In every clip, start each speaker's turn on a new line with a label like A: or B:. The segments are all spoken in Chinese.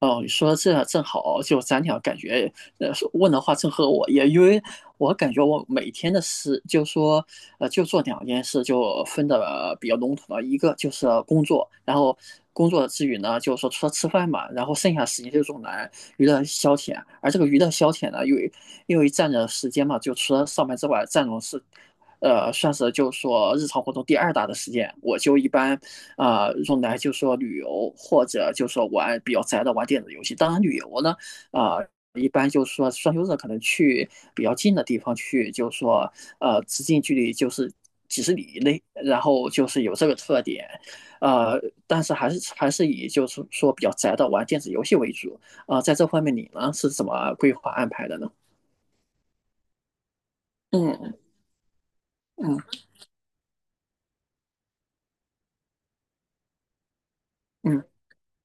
A: 哦，你说这正好，就咱俩感觉，呃，问的话正合我意。因为我感觉我每天的事，就说，就做2件事，就分的比较笼统了，一个就是工作，然后工作之余呢，就是说除了吃饭嘛，然后剩下时间就用来娱乐消遣。而这个娱乐消遣呢，因为占着时间嘛，就除了上班之外，占用是算是就是说日常活动第二大的时间。我就一般用来就是说旅游，或者就说玩比较宅的玩电子游戏。当然，旅游呢，啊、呃一般就是说双休日可能去比较近的地方去，就是说直径距离就是几十里以内，然后就是有这个特点。呃，但是还是以就是说比较宅的玩电子游戏为主。在这方面你呢是怎么规划安排的呢？嗯嗯嗯，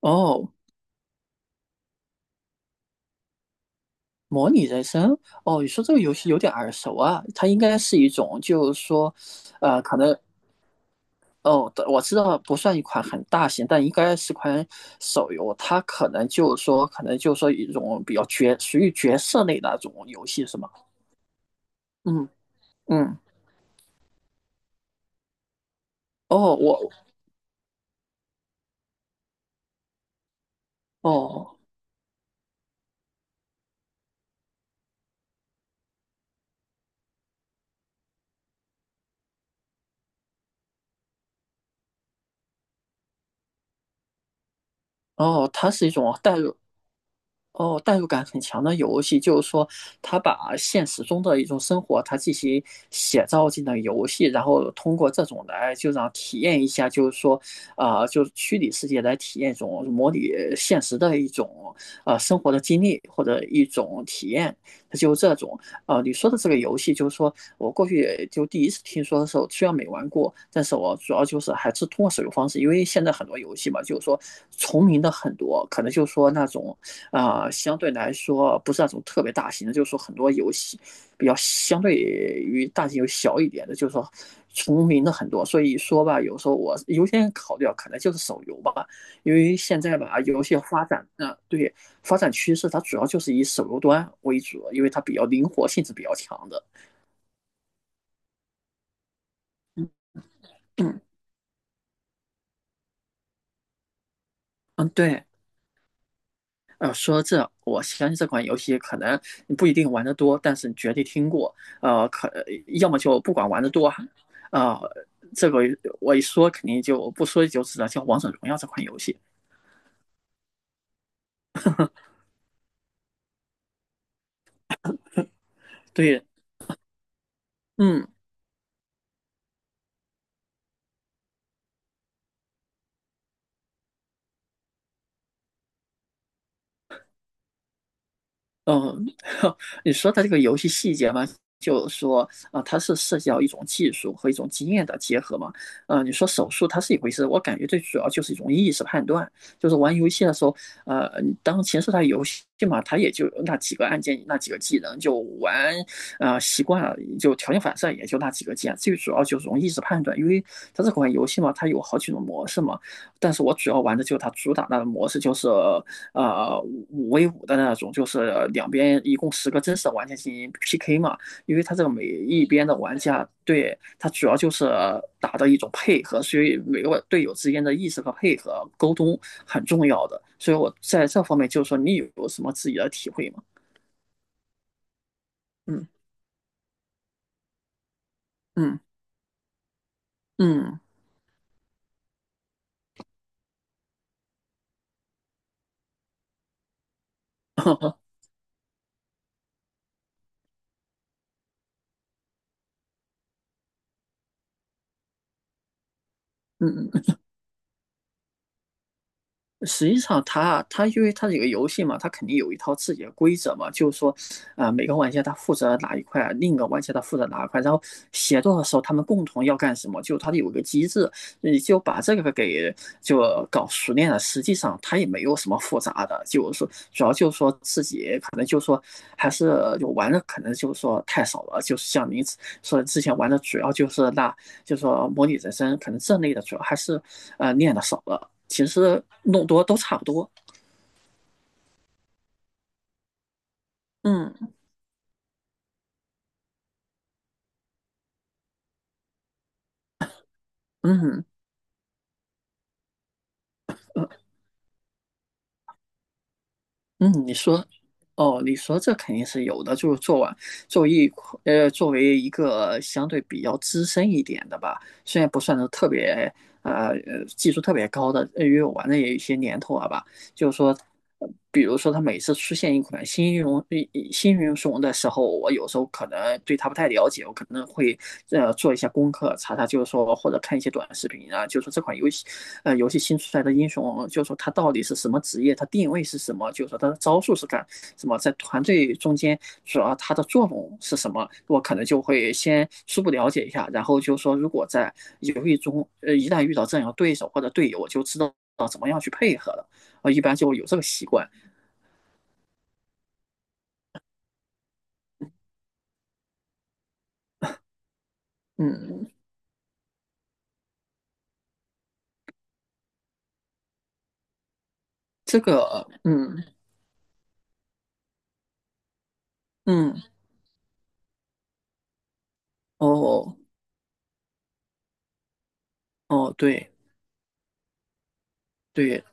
A: 哦。模拟人生，哦，你说这个游戏有点耳熟啊。它应该是一种，就是说，可能，哦，我知道不算一款很大型，但应该是款手游。它可能就是说一种比较属于角色类的那种游戏，是吗？嗯嗯，哦，我，哦哦，它是一种代入。哦，代入感很强的游戏。就是说，他把现实中的一种生活，他进行写照进了游戏，然后通过这种来就让体验一下。就是说，就是虚拟世界来体验一种模拟现实的一种生活的经历或者一种体验，它就这种。你说的这个游戏，就是说我过去就第一次听说的时候，虽然没玩过，但是我主要就是还是通过手游方式。因为现在很多游戏嘛，就是说重名的很多，可能就是说那种。啊，相对来说不是那种特别大型的，就是说很多游戏比较相对于大型游戏小一点的，就是说重名的很多。所以说吧，有时候我优先考虑啊，可能就是手游吧。因为现在吧，游戏发展啊，对，发展趋势它主要就是以手游端为主，因为它比较灵活性是比较强的。嗯嗯嗯，对。说这，我相信这款游戏可能你不一定玩得多，但是你绝对听过。呃，可要么就不管玩得多，呃，这个我一说肯定就不说一就知道，叫《王者荣耀》这款游戏。对，嗯。嗯。你说的这个游戏细节嘛，就是说它是涉及到一种技术和一种经验的结合嘛。你说手速它是一回事，我感觉最主要就是一种意识判断。就是玩游戏的时候，呃，当前是它游戏嘛，它也就那几个按键、那几个技能，就玩习惯了，就条件反射也就那几个键。最主要就是易意识判断。因为它这款游戏嘛，它有好几种模式嘛，但是我主要玩的就是它主打那个模式，就是呃5v5的那种，就是两边一共10个真实的玩家进行 PK 嘛。因为他这个每一边的玩家，对，他主要就是打的一种配合，所以每个队友之间的意识和配合沟通很重要的。所以我在这方面，就是说你有什么自己的体会吗？嗯嗯嗯。 嗯嗯。实际上它，它因为它这个游戏嘛，它肯定有一套自己的规则嘛。就是说，每个玩家他负责哪一块，另一个玩家他负责哪一块，然后协作的时候他们共同要干什么，就它有一个机制，你就把这个给搞熟练了。实际上它也没有什么复杂的，就是说主要就是说自己可能就是说还是就玩的可能就是说太少了，就是像您说之前玩的主要就是那，就是说模拟人生可能这类的主要还是练的少了。其实弄多都差不多。嗯嗯嗯，哦，你说这肯定是有的。就是做完作为一呃作为一个相对比较资深一点的吧，虽然不算是特别技术特别高的，因为我玩的也有一些年头了吧。就是说，比如说它每次出现一款新英雄的时候，我有时候可能对它不太了解，我可能会做一下功课，查查就是说或者看一些短视频啊，就是说这款游戏新出来的英雄，就是说它到底是什么职业，它定位是什么，就是说它的招数是干什么，在团队中间主要它的作用是什么，我可能就会先初步了解一下。然后就是说如果在游戏中一旦遇到这样的对手或者队友，我就知道怎么样去配合了。啊，一般就有这个习惯。嗯，这个，嗯嗯，哦哦，对对。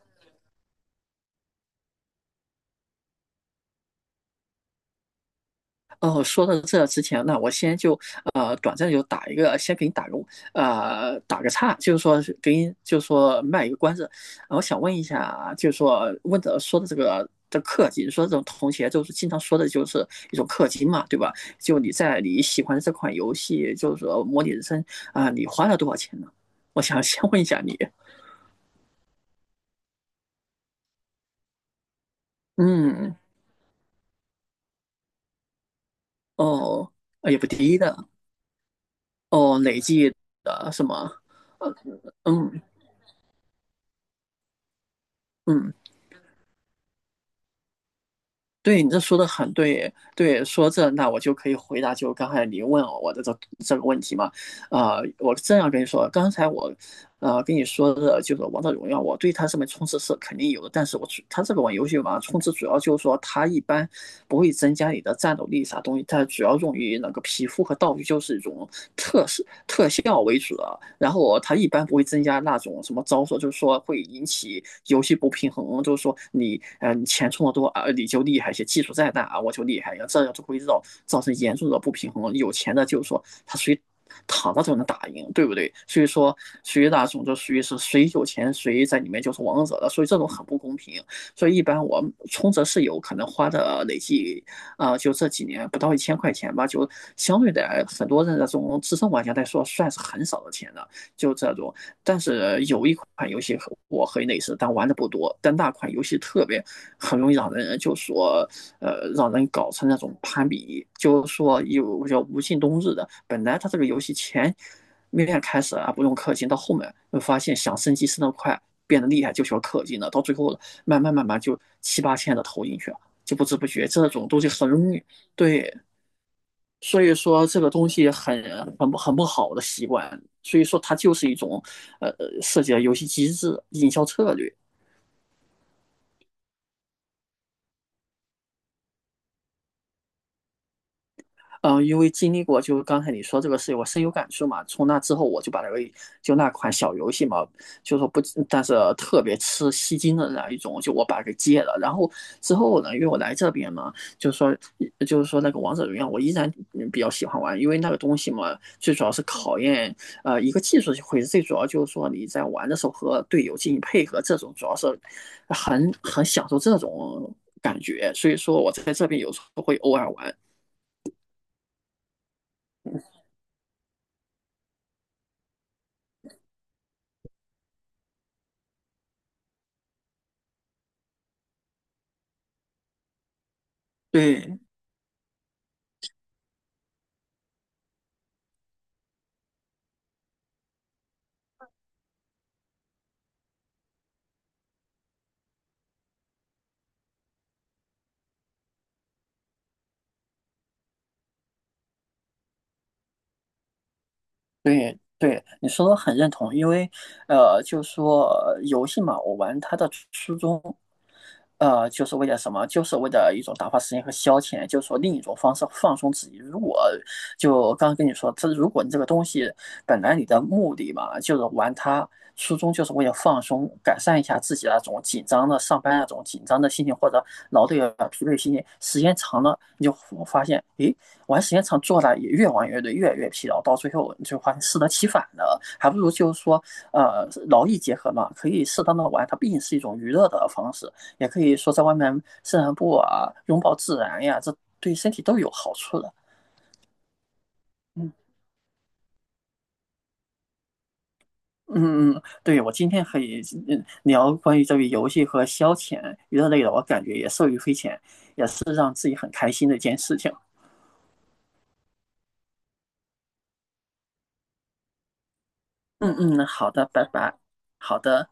A: 哦，说到这之前那我先就短暂地就打一个，先给你打个岔，就是说是给你就是说卖一个关子。我想问一下，就是说问的说的这个的氪金，说这种同学就是经常说的，就是一种氪金嘛，对吧？就你在你喜欢的这款游戏，就是说模拟人生，你花了多少钱呢？我想先问一下你。嗯，哦，也不低的，哦，累计的什么？呃，嗯嗯，对你这说的很对。对，说这那我就可以回答，就刚才你问我的这个问题嘛。我这样跟你说，刚才我跟你说的就是《王者荣耀》，我对它上面充值是肯定有的，但是我主它这个玩游戏嘛，充值主要就是说它一般不会增加你的战斗力啥东西，它主要用于那个皮肤和道具，就是一种特色特效为主的。然后它一般不会增加那种什么招数，就是说会引起游戏不平衡。就是说你钱充的多啊，你就厉害些，技术再大啊我就厉害，这样就会造成严重的不平衡。有钱的就是说他属于躺着就能打赢，对不对？所以说，属于那种就属于是谁有钱谁在里面就是王者了，所以这种很不公平。所以一般我充值是有可能花的累计就这几年不到1000块钱吧，就相对的很多的这种资深玩家来说，算是很少的钱了，就这种。但是有一款游戏和我很类似，但玩的不多。但那款游戏特别很容易让人就说，让人搞成那种攀比，就说有叫无尽冬日的。本来它这个游戏前面开始啊不用氪金，到后面会发现想升级升得快，变得厉害就需要氪金了，到最后慢慢就七八千的投进去。就不知不觉这种东西很容易，对。所以说这个东西很不好的习惯，所以说它就是一种呃设计的游戏机制、营销策略。因为经历过，就是刚才你说这个事情，我深有感触嘛。从那之后，我就把那个就那款小游戏嘛，就说不，但是特别吃吸金的那一种，就我把它给戒了。然后之后呢，因为我来这边嘛，就是说，就是说，那个王者荣耀，我依然比较喜欢玩。因为那个东西嘛，最主要是考验一个技术会，最主要就是说你在玩的时候和队友进行配合，这种主要是很享受这种感觉。所以说我在这边有时候会偶尔玩，对。对对，你说的很认同。因为就说游戏嘛，我玩它的初衷，就是为了什么？就是为了一种打发时间和消遣，就是说另一种方式放松自己。如果就刚刚跟你说，这如果你这个东西本来你的目的嘛，就是玩它，初衷就是为了放松，改善一下自己那种紧张的上班那种紧张的心情或者劳累啊疲惫心情。时间长了你就发现，诶，玩时间长做了也越玩越累，越来越疲劳，到最后就发现适得其反了。还不如就是说，劳逸结合嘛，可以适当的玩，它毕竟是一种娱乐的方式，也可以说在外面散散步啊，拥抱自然呀，这对身体都有好处的。嗯嗯嗯，对，我今天可以聊关于这个游戏和消遣娱乐类的，我感觉也受益匪浅，也是让自己很开心的一件事情。嗯嗯，好的，拜拜。好的。